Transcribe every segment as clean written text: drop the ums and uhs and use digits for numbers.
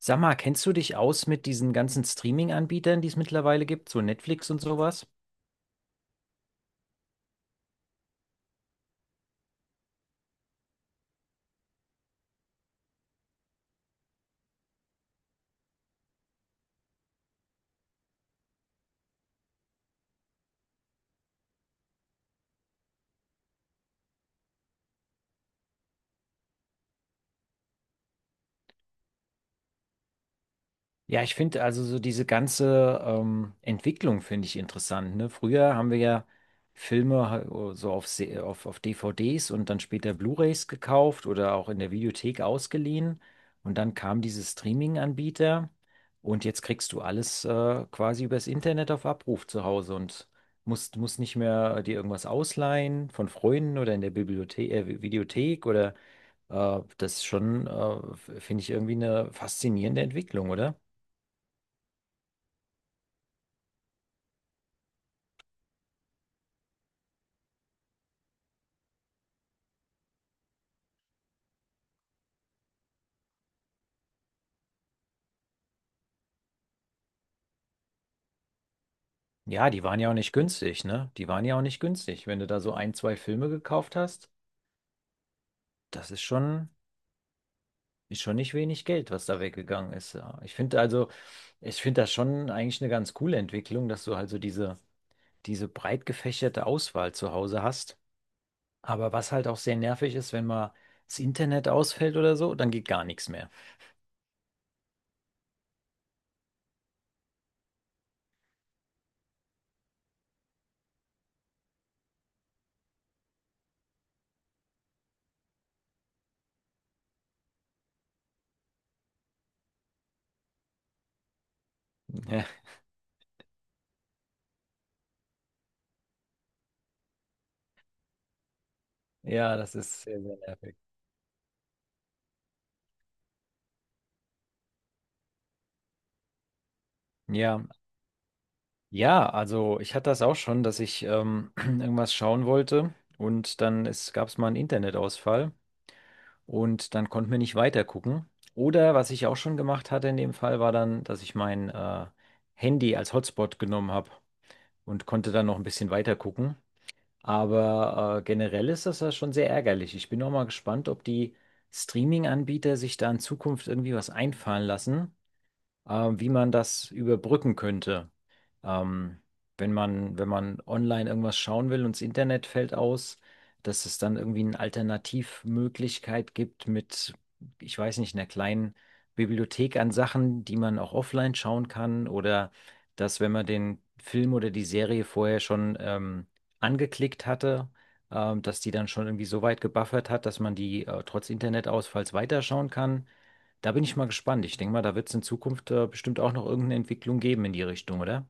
Sag mal, kennst du dich aus mit diesen ganzen Streaming-Anbietern, die es mittlerweile gibt, so Netflix und sowas? Ja, ich finde also so diese ganze Entwicklung finde ich interessant, ne? Früher haben wir ja Filme auf DVDs und dann später Blu-rays gekauft oder auch in der Videothek ausgeliehen. Und dann kam diese Streaming-Anbieter und jetzt kriegst du alles quasi übers Internet auf Abruf zu Hause und musst nicht mehr dir irgendwas ausleihen von Freunden oder in der Bibliothek, Videothek oder das ist finde ich irgendwie eine faszinierende Entwicklung, oder? Ja, die waren ja auch nicht günstig, ne? Die waren ja auch nicht günstig. Wenn du da so ein, zwei Filme gekauft hast, das ist ist schon nicht wenig Geld, was da weggegangen ist. Ja. Ich finde also, ich finde das schon eigentlich eine ganz coole Entwicklung, dass du halt so diese breit gefächerte Auswahl zu Hause hast. Aber was halt auch sehr nervig ist, wenn mal das Internet ausfällt oder so, dann geht gar nichts mehr. Ja, das ist sehr, sehr nervig. Ja, ja, also ich hatte das auch schon, dass ich irgendwas schauen wollte und dann es gab es mal einen Internetausfall und dann konnten wir nicht weitergucken. Oder was ich auch schon gemacht hatte in dem Fall, war dann, dass ich mein Handy als Hotspot genommen habe und konnte dann noch ein bisschen weitergucken. Aber generell ist das ja schon sehr ärgerlich. Ich bin auch mal gespannt, ob die Streaming-Anbieter sich da in Zukunft irgendwie was einfallen lassen, wie man das überbrücken könnte. Ähm, wenn man online irgendwas schauen will und das Internet fällt aus, dass es dann irgendwie eine Alternativmöglichkeit gibt mit, ich weiß nicht, einer kleinen Bibliothek an Sachen, die man auch offline schauen kann oder dass, wenn man den Film oder die Serie vorher schon angeklickt hatte, dass die dann schon irgendwie so weit gebuffert hat, dass man die trotz Internetausfalls weiterschauen kann. Da bin ich mal gespannt. Ich denke mal, da wird es in Zukunft bestimmt auch noch irgendeine Entwicklung geben in die Richtung, oder?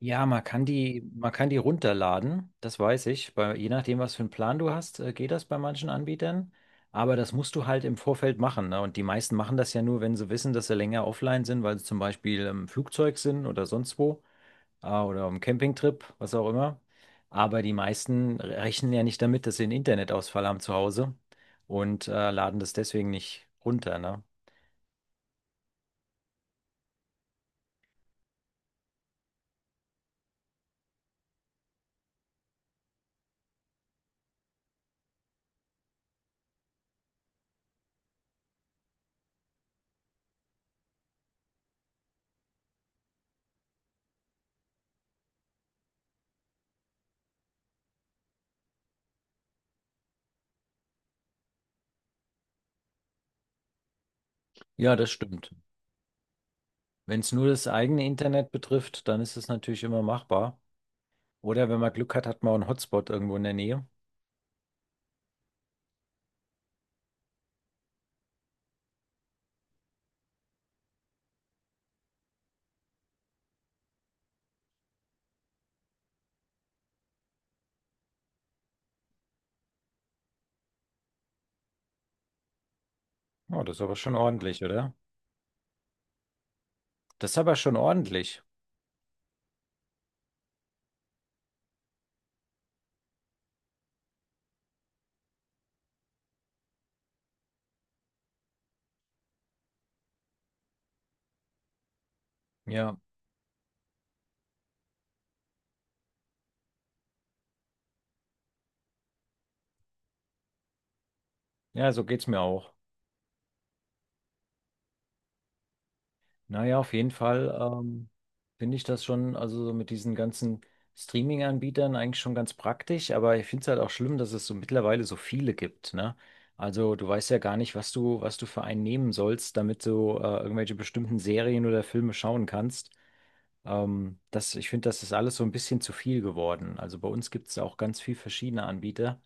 Ja, man kann die runterladen, das weiß ich. Bei, je nachdem, was für einen Plan du hast, geht das bei manchen Anbietern. Aber das musst du halt im Vorfeld machen, ne? Und die meisten machen das ja nur, wenn sie wissen, dass sie länger offline sind, weil sie zum Beispiel im Flugzeug sind oder sonst wo, oder im Campingtrip, was auch immer. Aber die meisten rechnen ja nicht damit, dass sie einen Internetausfall haben zu Hause und laden das deswegen nicht runter, ne? Ja, das stimmt. Wenn es nur das eigene Internet betrifft, dann ist es natürlich immer machbar. Oder wenn man Glück hat, hat man auch einen Hotspot irgendwo in der Nähe. Oh, das ist aber schon ordentlich, oder? Das ist aber schon ordentlich. Ja, ja, so geht's mir auch. Naja, auf jeden Fall finde ich das schon, also so mit diesen ganzen Streaming-Anbietern eigentlich schon ganz praktisch, aber ich finde es halt auch schlimm, dass es so mittlerweile so viele gibt, ne? Also du weißt ja gar nicht, was du für einen nehmen sollst, damit du irgendwelche bestimmten Serien oder Filme schauen kannst. Ich finde, das ist alles so ein bisschen zu viel geworden. Also bei uns gibt es auch ganz viel verschiedene Anbieter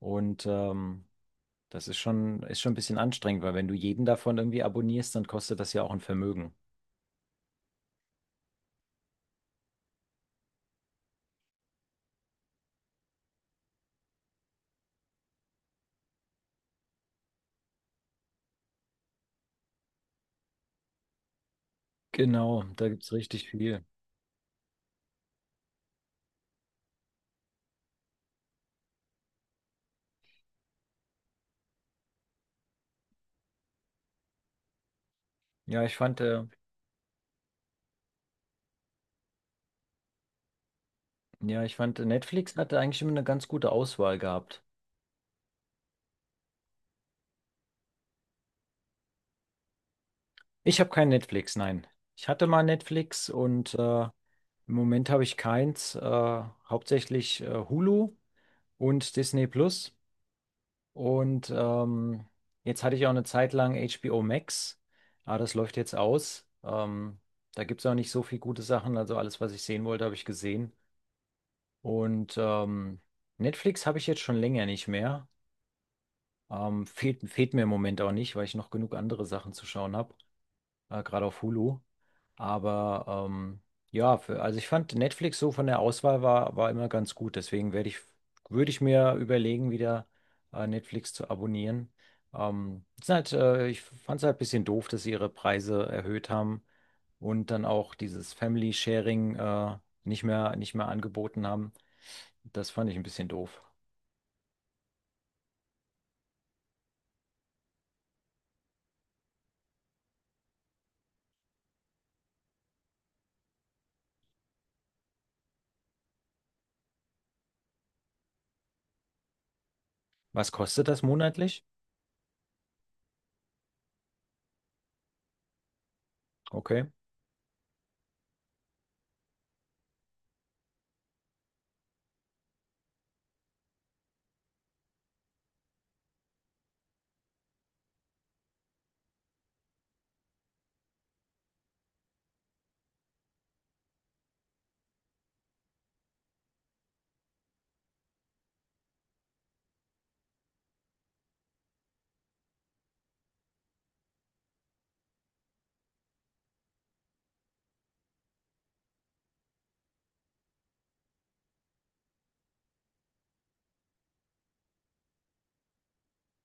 und das ist ist schon ein bisschen anstrengend, weil wenn du jeden davon irgendwie abonnierst, dann kostet das ja auch ein Vermögen. Genau, da gibt es richtig viel. Ja, ich fand, Netflix hatte eigentlich immer eine ganz gute Auswahl gehabt. Ich habe kein Netflix, nein. Ich hatte mal Netflix und im Moment habe ich keins, hauptsächlich Hulu und Disney Plus. Und jetzt hatte ich auch eine Zeit lang HBO Max, aber das läuft jetzt aus. Da gibt es auch nicht so viel gute Sachen. Also alles, was ich sehen wollte, habe ich gesehen. Und ähm, Netflix habe ich jetzt schon länger nicht mehr. Fehlt mir im Moment auch nicht, weil ich noch genug andere Sachen zu schauen habe, gerade auf Hulu. Aber ja, also ich fand Netflix so von der war immer ganz gut. Deswegen würde ich mir überlegen, wieder Netflix zu abonnieren. Ich fand es halt ein bisschen doof, dass sie ihre Preise erhöht haben und dann auch dieses Family Sharing nicht mehr angeboten haben. Das fand ich ein bisschen doof. Was kostet das monatlich? Okay.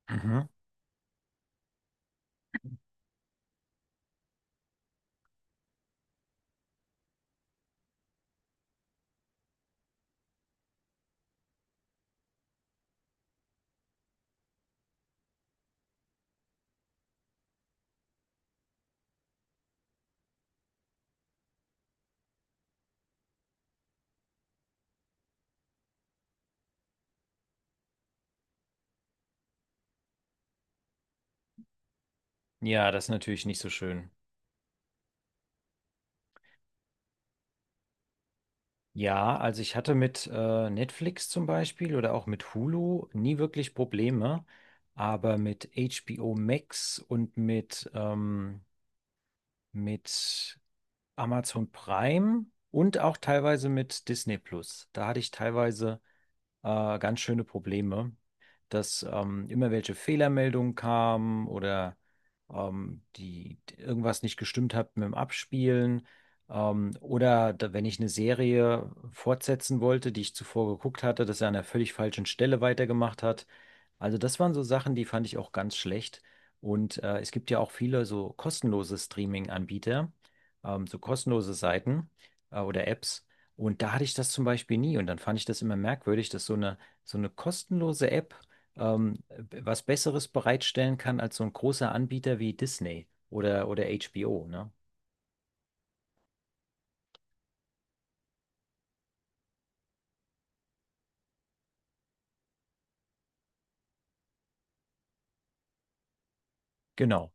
Mhm. Ja, das ist natürlich nicht so schön. Ja, also ich hatte mit Netflix zum Beispiel oder auch mit Hulu nie wirklich Probleme, aber mit HBO Max und mit Amazon Prime und auch teilweise mit Disney Plus. Da hatte ich teilweise ganz schöne Probleme, dass immer welche Fehlermeldungen kamen oder die die irgendwas nicht gestimmt hat mit dem Abspielen. Oder da, wenn ich eine Serie fortsetzen wollte, die ich zuvor geguckt hatte, dass er an einer völlig falschen Stelle weitergemacht hat. Also das waren so Sachen, die fand ich auch ganz schlecht. Und es gibt ja auch viele so kostenlose Streaming-Anbieter, so kostenlose Seiten oder Apps. Und da hatte ich das zum Beispiel nie. Und dann fand ich das immer merkwürdig, dass so eine kostenlose App ähm, was Besseres bereitstellen kann als so ein großer Anbieter wie Disney oder HBO, ne? Genau.